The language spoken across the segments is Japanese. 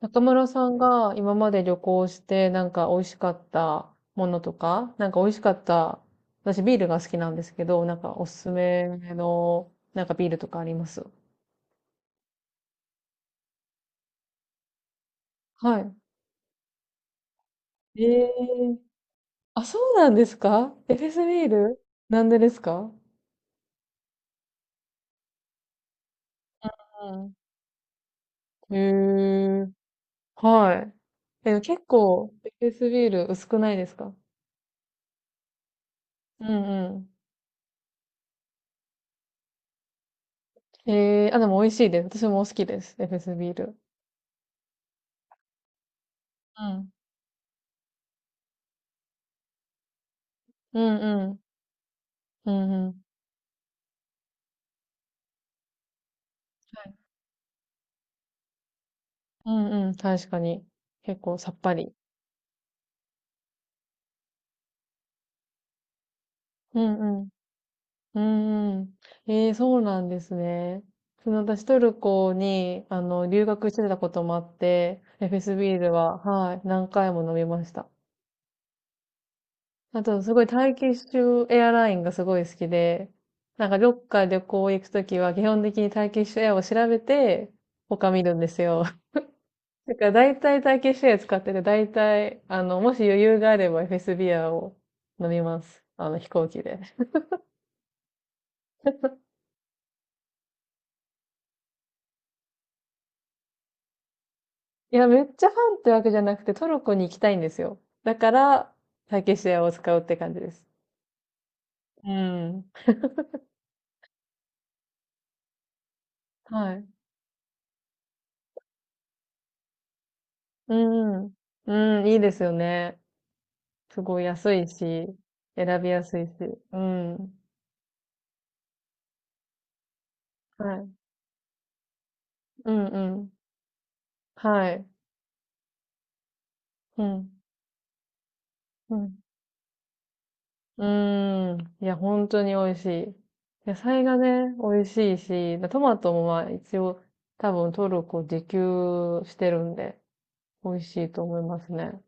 中村さんが今まで旅行してなんか美味しかったものとか、なんか美味しかった、私ビールが好きなんですけど、なんかおすすめのなんかビールとかあります？はい。あ、そうなんですか？エフェスビールなんでですか？うん。へー、はい。え、結構エフェスビール薄くないですか？うんうん。あ、でも美味しいです。私も好きです。エフェスビール。うん。うんうん。うんうん。うんうん、確かに。結構さっぱり。うんうん。うんうん。ええ、そうなんですね。その、私トルコに、留学してたこともあって、エフェスビールは、はい、何回も飲みました。あと、すごいターキッシュエアラインがすごい好きで、なんかどっか旅行行くときは基本的にターキッシュエアを調べて、他見るんですよ。だから大体ターキッシュエア使ってて、大体、もし余裕があればエフェスビーアを飲みます。飛行機で。いや、めっちゃファンってわけじゃなくて、トルコに行きたいんですよ。だから、ターキッシュエアを使うって感じです。うん。はい。うんうん。いいですよね。すごい安いし、選びやすいし。うん。はい。うんうん。はい。うん。うん。うーん。いや、本当に美味しい。野菜がね、美味しいし、トマトもまあ一応多分トルコ自給してるんで、美味しいと思いますね。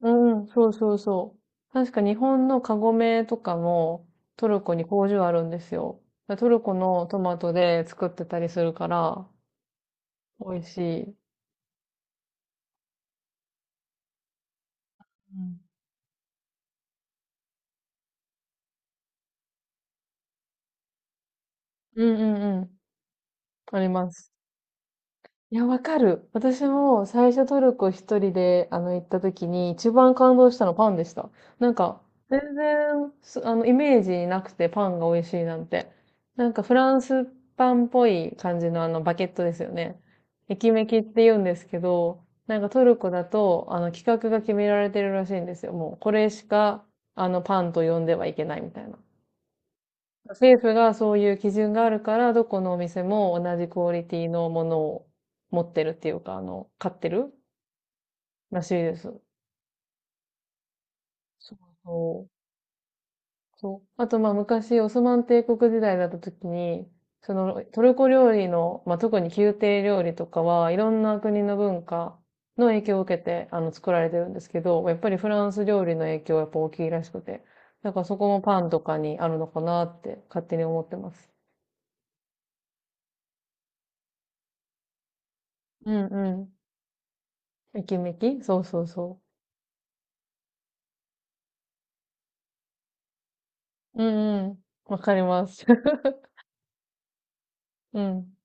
うん、そうそうそう。確か日本のカゴメとかもトルコに工場あるんですよ。だからトルコのトマトで作ってたりするから、美味しい。うんうんうんうん。あります。いや、わかる。私も最初トルコ一人で、行った時に一番感動したのパンでした。なんか、全然、すあの、イメージなくてパンが美味しいなんて。なんかフランスパンっぽい感じのバケットですよね。エキメキって言うんですけど、なんかトルコだと、規格が決められてるらしいんですよ。もう、これしか、パンと呼んではいけないみたいな。政府がそういう基準があるから、どこのお店も同じクオリティのものを持ってるっていうか、買ってるらしいです。そうそう。そう。あと、まあ、昔、オスマン帝国時代だった時に、その、トルコ料理の、まあ、特に宮廷料理とかは、いろんな国の文化の影響を受けて、作られてるんですけど、やっぱりフランス料理の影響はやっぱ大きいらしくて、だからそこもパンとかにあるのかなって勝手に思ってます。うんうん。めきめき、そうそうそう。うんうん。わかります。うん。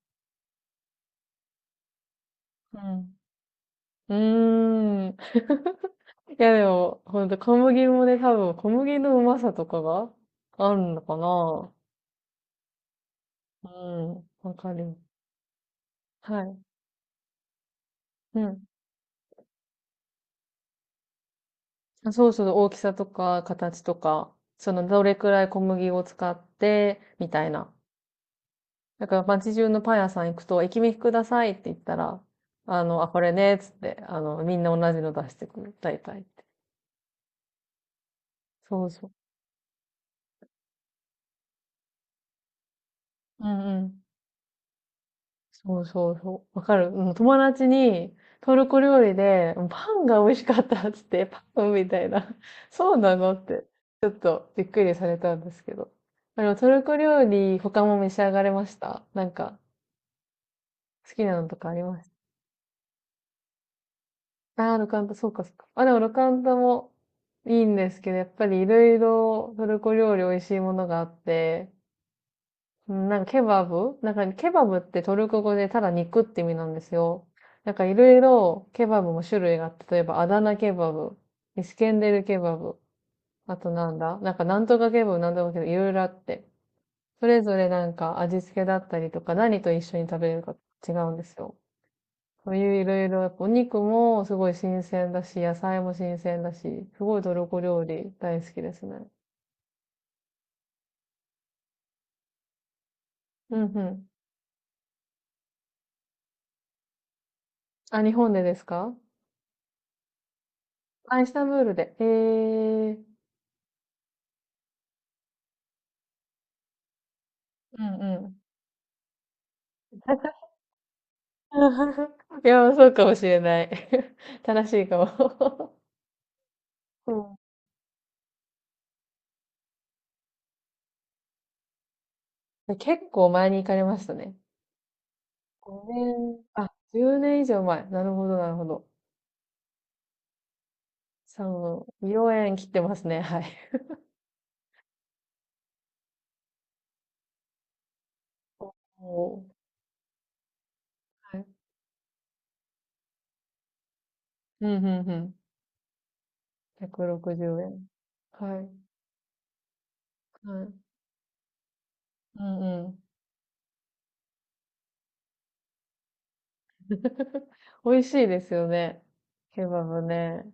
うん。うーん。いやでも、ほんと小麦もね、多分小麦のうまさとかがあるのかな。うん。わかる。はい。うん。あ、そうそう、大きさとか形とか、そのどれくらい小麦を使って、みたいな。だから街中のパン屋さん行くと、駅弁くださいって言ったら、あ、これね、つって、みんな同じの出してくる。大体。そうそう。うんうん。そうそうそう。わかる。うん、友達に、トルコ料理で、パンが美味しかったっつって、パンみたいな。そうなのって、ちょっとびっくりされたんですけど。トルコ料理、他も召し上がれました？なんか、好きなのとかあります？ああー、ロカンタ、そうか、そうか。あ、でもロカンタもいいんですけど、やっぱりいろいろトルコ料理美味しいものがあって、うん、なんかケバブ、なんかケバブってトルコ語でただ肉って意味なんですよ。なんかいろいろケバブも種類があって、例えばアダナケバブ、イスケンデルケバブ、あとなんだ、なんかなんとかケバブ、なんとかケバブ、いろいろあって。それぞれなんか味付けだったりとか何と一緒に食べるか違うんですよ。そういういろいろ、やっぱお肉もすごい新鮮だし、野菜も新鮮だし、すごいトルコ料理大好きですね。うんうん。あ、日本でですか？あ、イスタンブールで。えー。うんうん。いや、そうかもしれない。正しいかも。うん。結構前に行かれましたね。5年、あ、10年以上前。なるほど、なるほど。そう、4円切ってますね。はい。おお。はい。うん、うん、うん。160円。はい。はい。うんうん。美味しいですよね。ケバブね。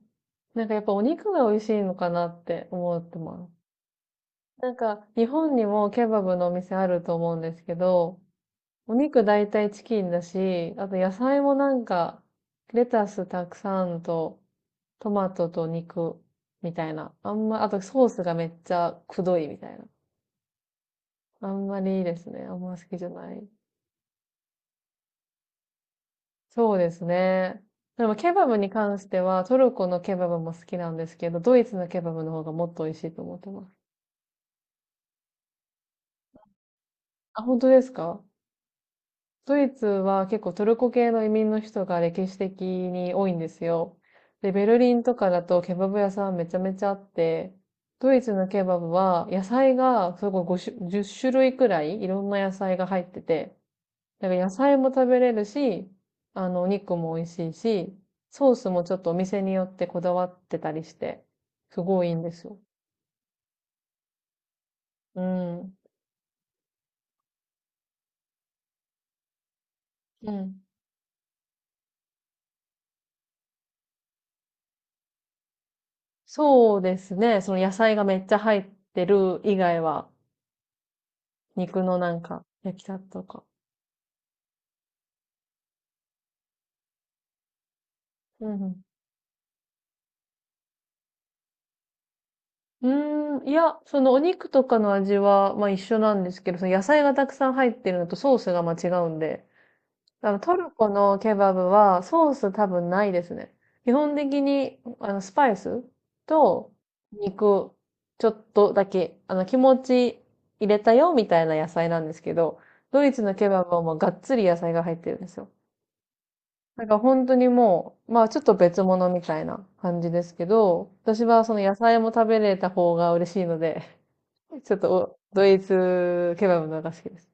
なんかやっぱお肉が美味しいのかなって思ってます。なんか、日本にもケバブのお店あると思うんですけど、お肉大体チキンだし、あと野菜もなんか、レタスたくさんと、トマトと肉みたいな。あんま、あとソースがめっちゃくどいみたいな。あんまりいいですね。あんま好きじゃない。そうですね。でもケバブに関しては、トルコのケバブも好きなんですけど、ドイツのケバブの方がもっと美味しいと思ってます。あ、本当ですか？ドイツは結構トルコ系の移民の人が歴史的に多いんですよ。で、ベルリンとかだとケバブ屋さんめちゃめちゃあって、ドイツのケバブは野菜がすごい5種、10種類くらいいろんな野菜が入ってて、だから野菜も食べれるし、お肉も美味しいし、ソースもちょっとお店によってこだわってたりして、すごいいいんですよ。うん。うん。そうですね。その野菜がめっちゃ入ってる以外は、肉のなんか、焼きたてとか。うんうん。うーん、いや、そのお肉とかの味は、まあ一緒なんですけど、その野菜がたくさん入ってるのとソースがまあ違うんで、トルコのケバブはソース多分ないですね。基本的に、スパイスと肉、ちょっとだけ、気持ち入れたよみたいな野菜なんですけど、ドイツのケバブはもうがっつり野菜が入ってるんですよ。なんか本当にもう、まあちょっと別物みたいな感じですけど、私はその野菜も食べれた方が嬉しいので、ちょっとおドイツケバブの方が好きです。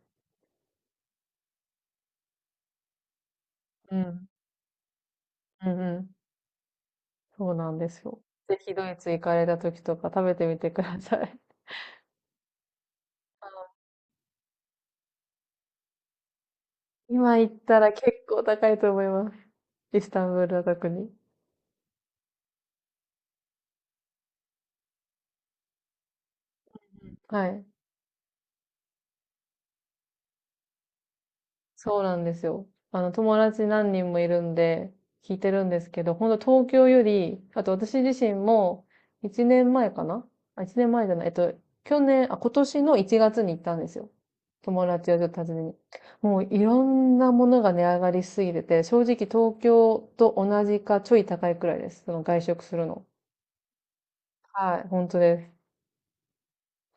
うん。うんうん。そうなんですよ。ぜひドイツ行かれた時とか食べてみてください。今行ったら結構高いと思います。イスタンブールは特に。はい。そうなんですよ。友達何人もいるんで、聞いてるんですけど、本当東京より、あと私自身も、1年前かなあ、1年前じゃない、去年、あ、今年の1月に行ったんですよ。友達をちょっと訪ねに。もういろんなものが値上がりしすぎてて、正直東京と同じかちょい高いくらいです。その外食するの。はい、本当です。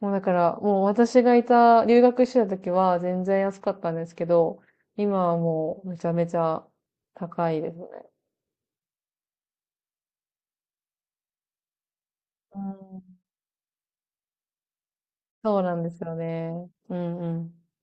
もうだから、もう私がいた、留学してた時は全然安かったんですけど、今はもうめちゃめちゃ高いですね。うん、そうなんですよね。うんうん